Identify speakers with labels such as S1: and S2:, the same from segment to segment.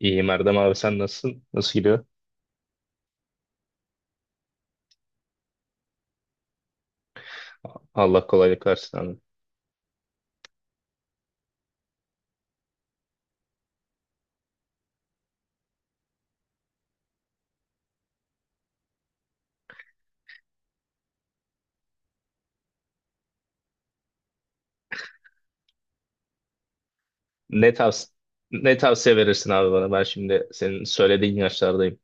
S1: İyiyim Erdem abi, sen nasılsın? Nasıl gidiyor? Allah kolaylık versin abi. Ne tavs Ne tavsiye verirsin abi bana? Ben şimdi senin söylediğin yaşlardayım.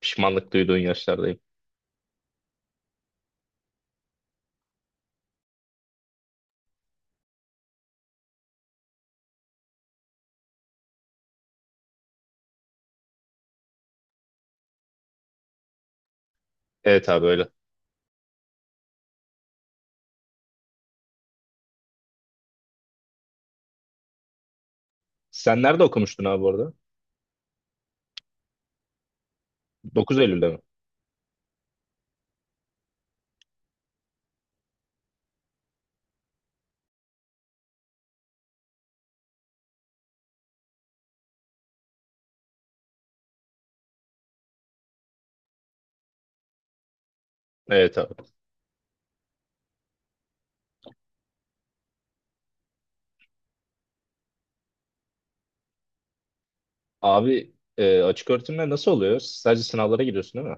S1: Pişmanlık duyduğun yaşlardayım. Evet abi, öyle. Sen nerede okumuştun abi bu arada? 9 Eylül'de mi? Evet abi. Abi, açık öğretimler nasıl oluyor? Sadece sınavlara giriyorsun, değil mi?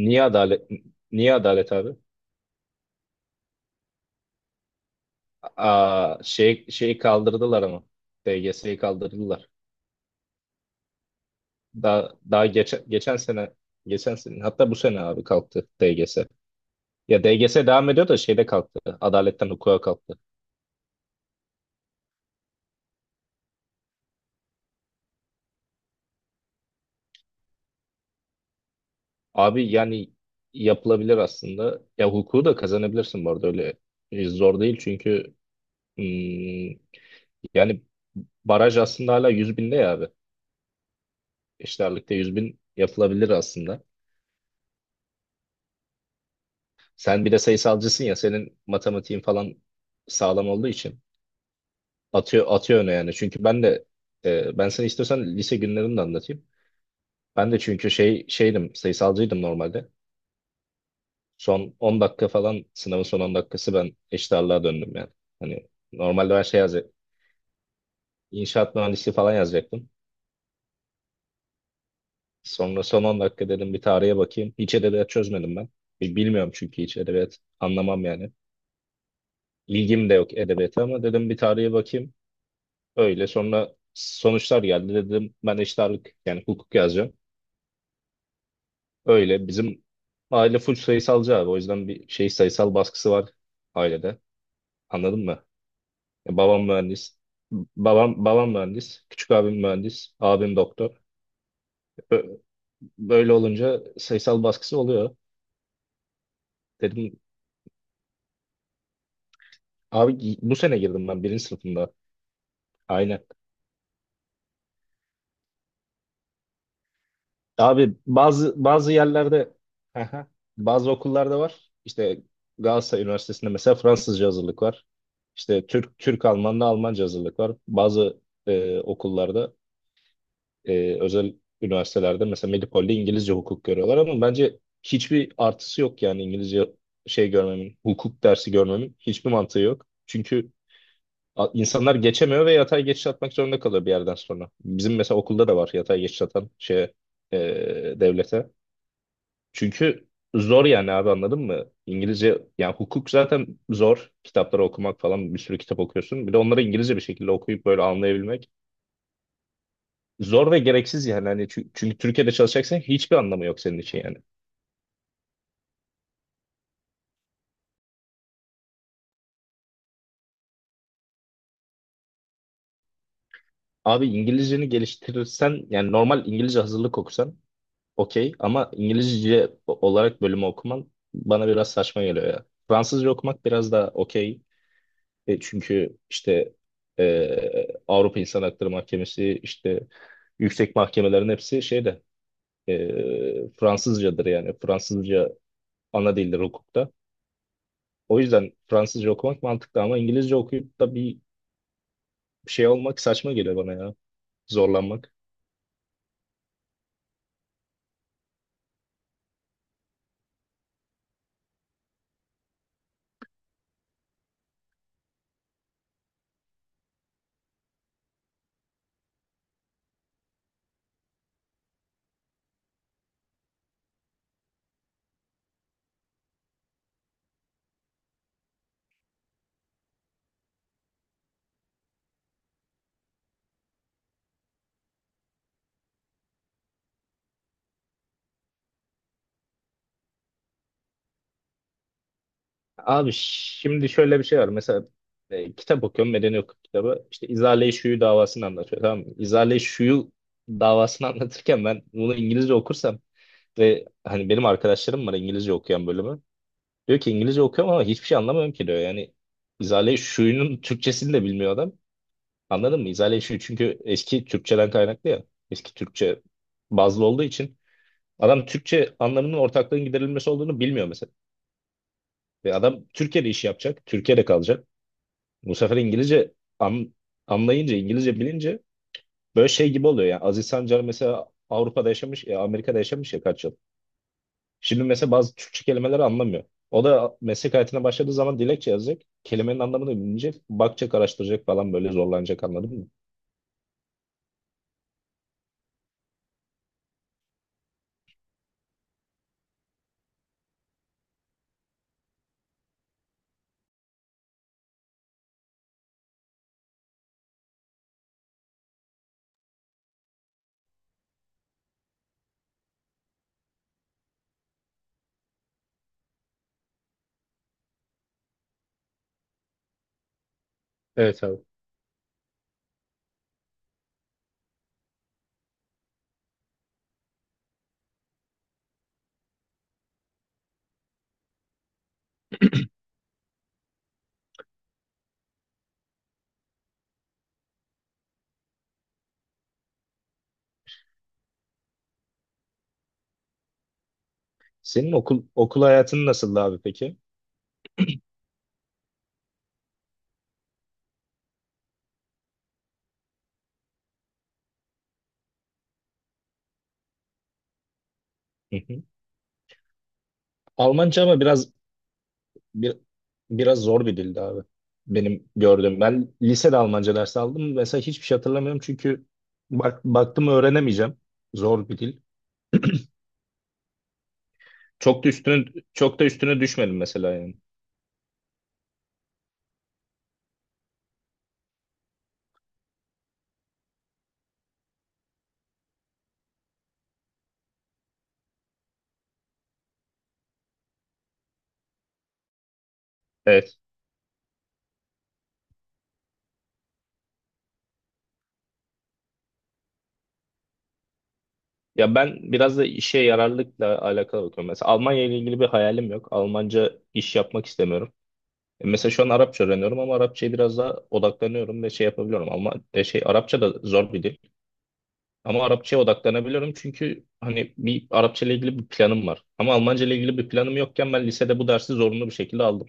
S1: Niye adalet niye adalet abi? Aa, şey şeyi kaldırdılar ama. DGS'yi kaldırdılar. Daha daha geçen geçen sene geçen sene, hatta bu sene abi, kalktı DGS. Ya DGS devam ediyor da şeyde kalktı. Adaletten hukuka kalktı. Abi yani yapılabilir aslında. Ya hukuku da kazanabilirsin bu arada, öyle zor değil çünkü hmm, yani baraj aslında hala 100 binde ya abi. İşlerlikte 100 bin yapılabilir aslında. Sen bir de sayısalcısın ya, senin matematiğin falan sağlam olduğu için atıyor öne yani. Çünkü ben de ben sana, istiyorsan, lise günlerimi de anlatayım. Ben de çünkü şeydim sayısalcıydım normalde. Son 10 dakika falan, sınavın son 10 dakikası, ben eşit ağırlığa döndüm yani. Hani normalde ben şey yazacak, inşaat mühendisliği falan yazacaktım. Sonra son 10 dakika dedim bir tarihe bakayım. Hiç edebiyat çözmedim ben. Bilmiyorum çünkü, hiç edebiyat anlamam yani. İlgim de yok edebiyata ama dedim bir tarihe bakayım. Öyle sonra sonuçlar geldi, dedim ben eşit ağırlık, yani hukuk yazacağım. Öyle bizim aile full sayısalcı abi, o yüzden bir şey, sayısal baskısı var ailede. Anladın mı? Ya babam mühendis. Babam mühendis. Küçük abim mühendis. Abim doktor. Ö- Böyle olunca sayısal baskısı oluyor. Dedim abi, bu sene girdim ben, birinci sınıfında. Aynen. Abi bazı yerlerde. Aha. Bazı okullarda var. İşte Galatasaray Üniversitesi'nde mesela Fransızca hazırlık var. İşte Türk Alman'da Almanca hazırlık var. Bazı okullarda, özel üniversitelerde mesela Medipol'de İngilizce hukuk görüyorlar ama bence hiçbir artısı yok yani, İngilizce şey görmemin, hukuk dersi görmemin hiçbir mantığı yok. Çünkü insanlar geçemiyor ve yatay geçiş atmak zorunda kalıyor bir yerden sonra. Bizim mesela okulda da var, yatay geçiş atan, şeye, e, devlete. Çünkü zor yani abi, anladın mı? İngilizce yani, hukuk zaten zor. Kitapları okumak falan, bir sürü kitap okuyorsun. Bir de onları İngilizce bir şekilde okuyup böyle anlayabilmek, zor ve gereksiz yani. Hani çünkü Türkiye'de çalışacaksan hiçbir anlamı yok senin için yani. Abi İngilizceni geliştirirsen, yani normal İngilizce hazırlık okusan okey, ama İngilizce olarak bölümü okuman bana biraz saçma geliyor ya. Fransızca okumak biraz daha okey. Çünkü işte Avrupa İnsan Hakları Mahkemesi, işte yüksek mahkemelerin hepsi şeyde Fransızcadır yani. Fransızca ana dildir hukukta. O yüzden Fransızca okumak mantıklı ama İngilizce okuyup da bir şey olmak saçma geliyor bana ya. Zorlanmak. Abi şimdi şöyle bir şey var. Mesela kitap okuyorum. Medeni hukuk kitabı. İşte İzale-i Şuyu davasını anlatıyor. Tamam mı? İzale-i Şuyu davasını anlatırken, ben bunu İngilizce okursam ve hani, benim arkadaşlarım var İngilizce okuyan, bölümü. Diyor ki İngilizce okuyorum ama hiçbir şey anlamıyorum ki diyor. Yani İzale-i Şuyu'nun Türkçesini de bilmiyor adam. Anladın mı? İzale-i Şuyu çünkü eski Türkçeden kaynaklı ya. Eski Türkçe bazlı olduğu için adam Türkçe anlamının, ortaklığın giderilmesi olduğunu bilmiyor mesela. Ve adam Türkiye'de iş yapacak. Türkiye'de kalacak. Bu sefer İngilizce an- anlayınca, İngilizce bilince böyle şey gibi oluyor. Yani Aziz Sancar mesela Avrupa'da yaşamış, Amerika'da yaşamış ya kaç yıl. Şimdi mesela bazı Türkçe kelimeleri anlamıyor. O da meslek hayatına başladığı zaman dilekçe yazacak. Kelimenin anlamını bilinecek. Bakacak, araştıracak falan, böyle zorlanacak, anladın mı? Evet abi. Senin okul hayatın nasıldı abi peki? Hı hı. Almanca ama biraz, Bir, biraz zor bir dildi abi. Benim gördüğüm. Ben lisede Almanca dersi aldım. Mesela hiçbir şey hatırlamıyorum çünkü bak, baktım öğrenemeyeceğim. Zor bir dil. Çok da üstüne, çok da üstüne düşmedim mesela yani. Evet. Ya ben biraz da işe yararlılıkla alakalı bakıyorum. Mesela Almanya ile ilgili bir hayalim yok. Almanca iş yapmak istemiyorum. Mesela şu an Arapça öğreniyorum ama Arapçaya biraz daha odaklanıyorum ve şey yapabiliyorum. Ama şey, Arapça da zor bir dil. Ama Arapçaya odaklanabiliyorum çünkü hani, bir Arapça ile ilgili bir planım var. Ama Almanca ile ilgili bir planım yokken ben lisede bu dersi zorunlu bir şekilde aldım.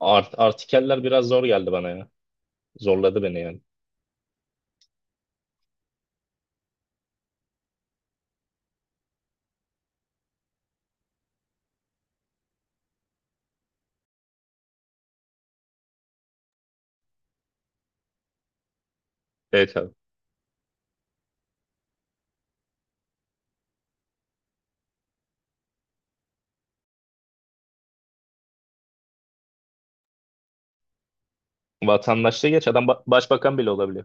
S1: Artikeller biraz zor geldi bana ya. Zorladı beni yani. Evet abi. Vatandaşlığı geç, adam başbakan bile olabiliyor.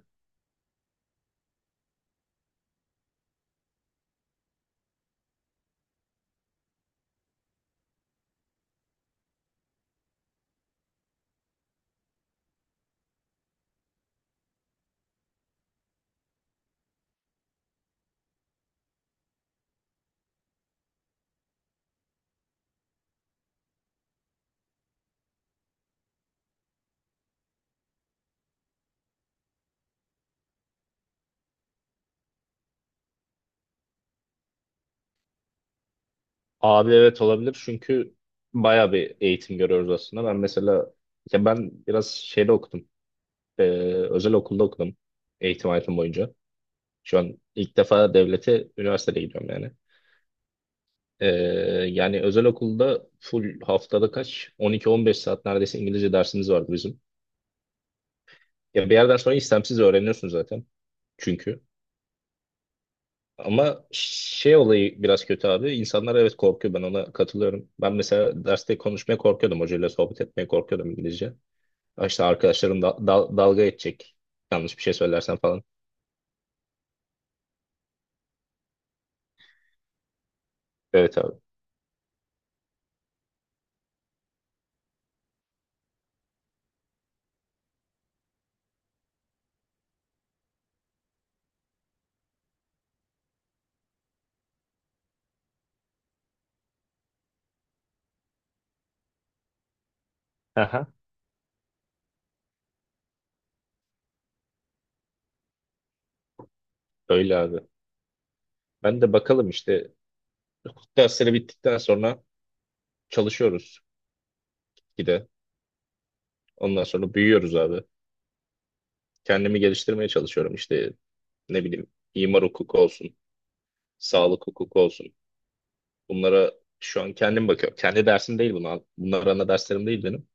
S1: Abi evet, olabilir çünkü bayağı bir eğitim görüyoruz aslında. Ben mesela, ya ben biraz şeyde okudum. Ee, Özel okulda okudum eğitim hayatım boyunca. Şu an ilk defa devlete üniversitede gidiyorum yani. Ee, Yani özel okulda full, haftada kaç, 12-15 saat neredeyse İngilizce dersimiz vardı bizim. Ya bir yerden sonra istemsiz öğreniyorsun zaten çünkü. Ama şey olayı biraz kötü abi. İnsanlar evet korkuyor, ben ona katılıyorum. Ben mesela derste konuşmaya korkuyordum. Hocayla sohbet etmeye korkuyordum İngilizce. Ya İşte arkadaşlarım dalga edecek. Yanlış bir şey söylersen falan. Evet abi. Aha. Öyle abi. Ben de bakalım, işte dersleri bittikten sonra çalışıyoruz. Bir de ondan sonra büyüyoruz abi. Kendimi geliştirmeye çalışıyorum. İşte ne bileyim, imar hukuku olsun, sağlık hukuku olsun. Bunlara şu an kendim bakıyorum. Kendi dersim değil bunlar. Bunlar ana derslerim değil benim.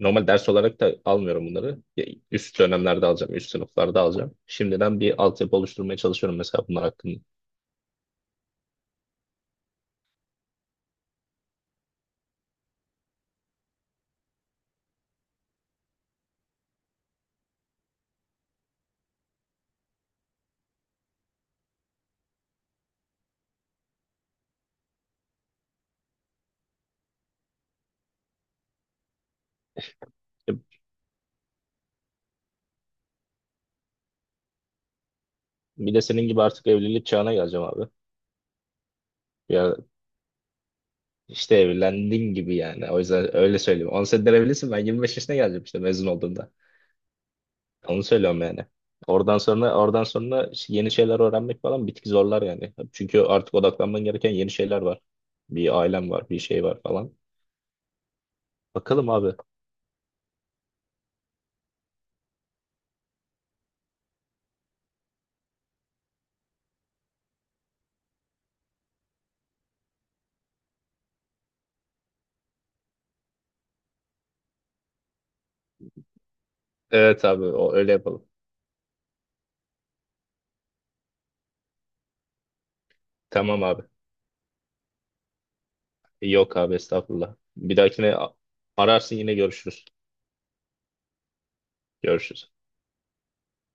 S1: Normal ders olarak da almıyorum bunları. Ya üst dönemlerde alacağım, üst sınıflarda alacağım. Şimdiden bir altyapı oluşturmaya çalışıyorum mesela bunlar hakkında. E, Bir de senin gibi artık evlilik çağına geleceğim abi. Ya işte evlendiğin gibi yani. O yüzden öyle söyleyeyim. 10 senedir evlisin, ben 25 yaşına geleceğim işte mezun olduğumda. Onu söylüyorum yani. Oradan sonra işte yeni şeyler öğrenmek falan bir tık zorlar yani. Çünkü artık odaklanman gereken yeni şeyler var. Bir ailem var, bir şey var falan. Bakalım abi. Evet abi, o öyle yapalım. Tamam abi. Yok abi, estağfurullah. Bir dahakine ararsın, yine görüşürüz. Görüşürüz.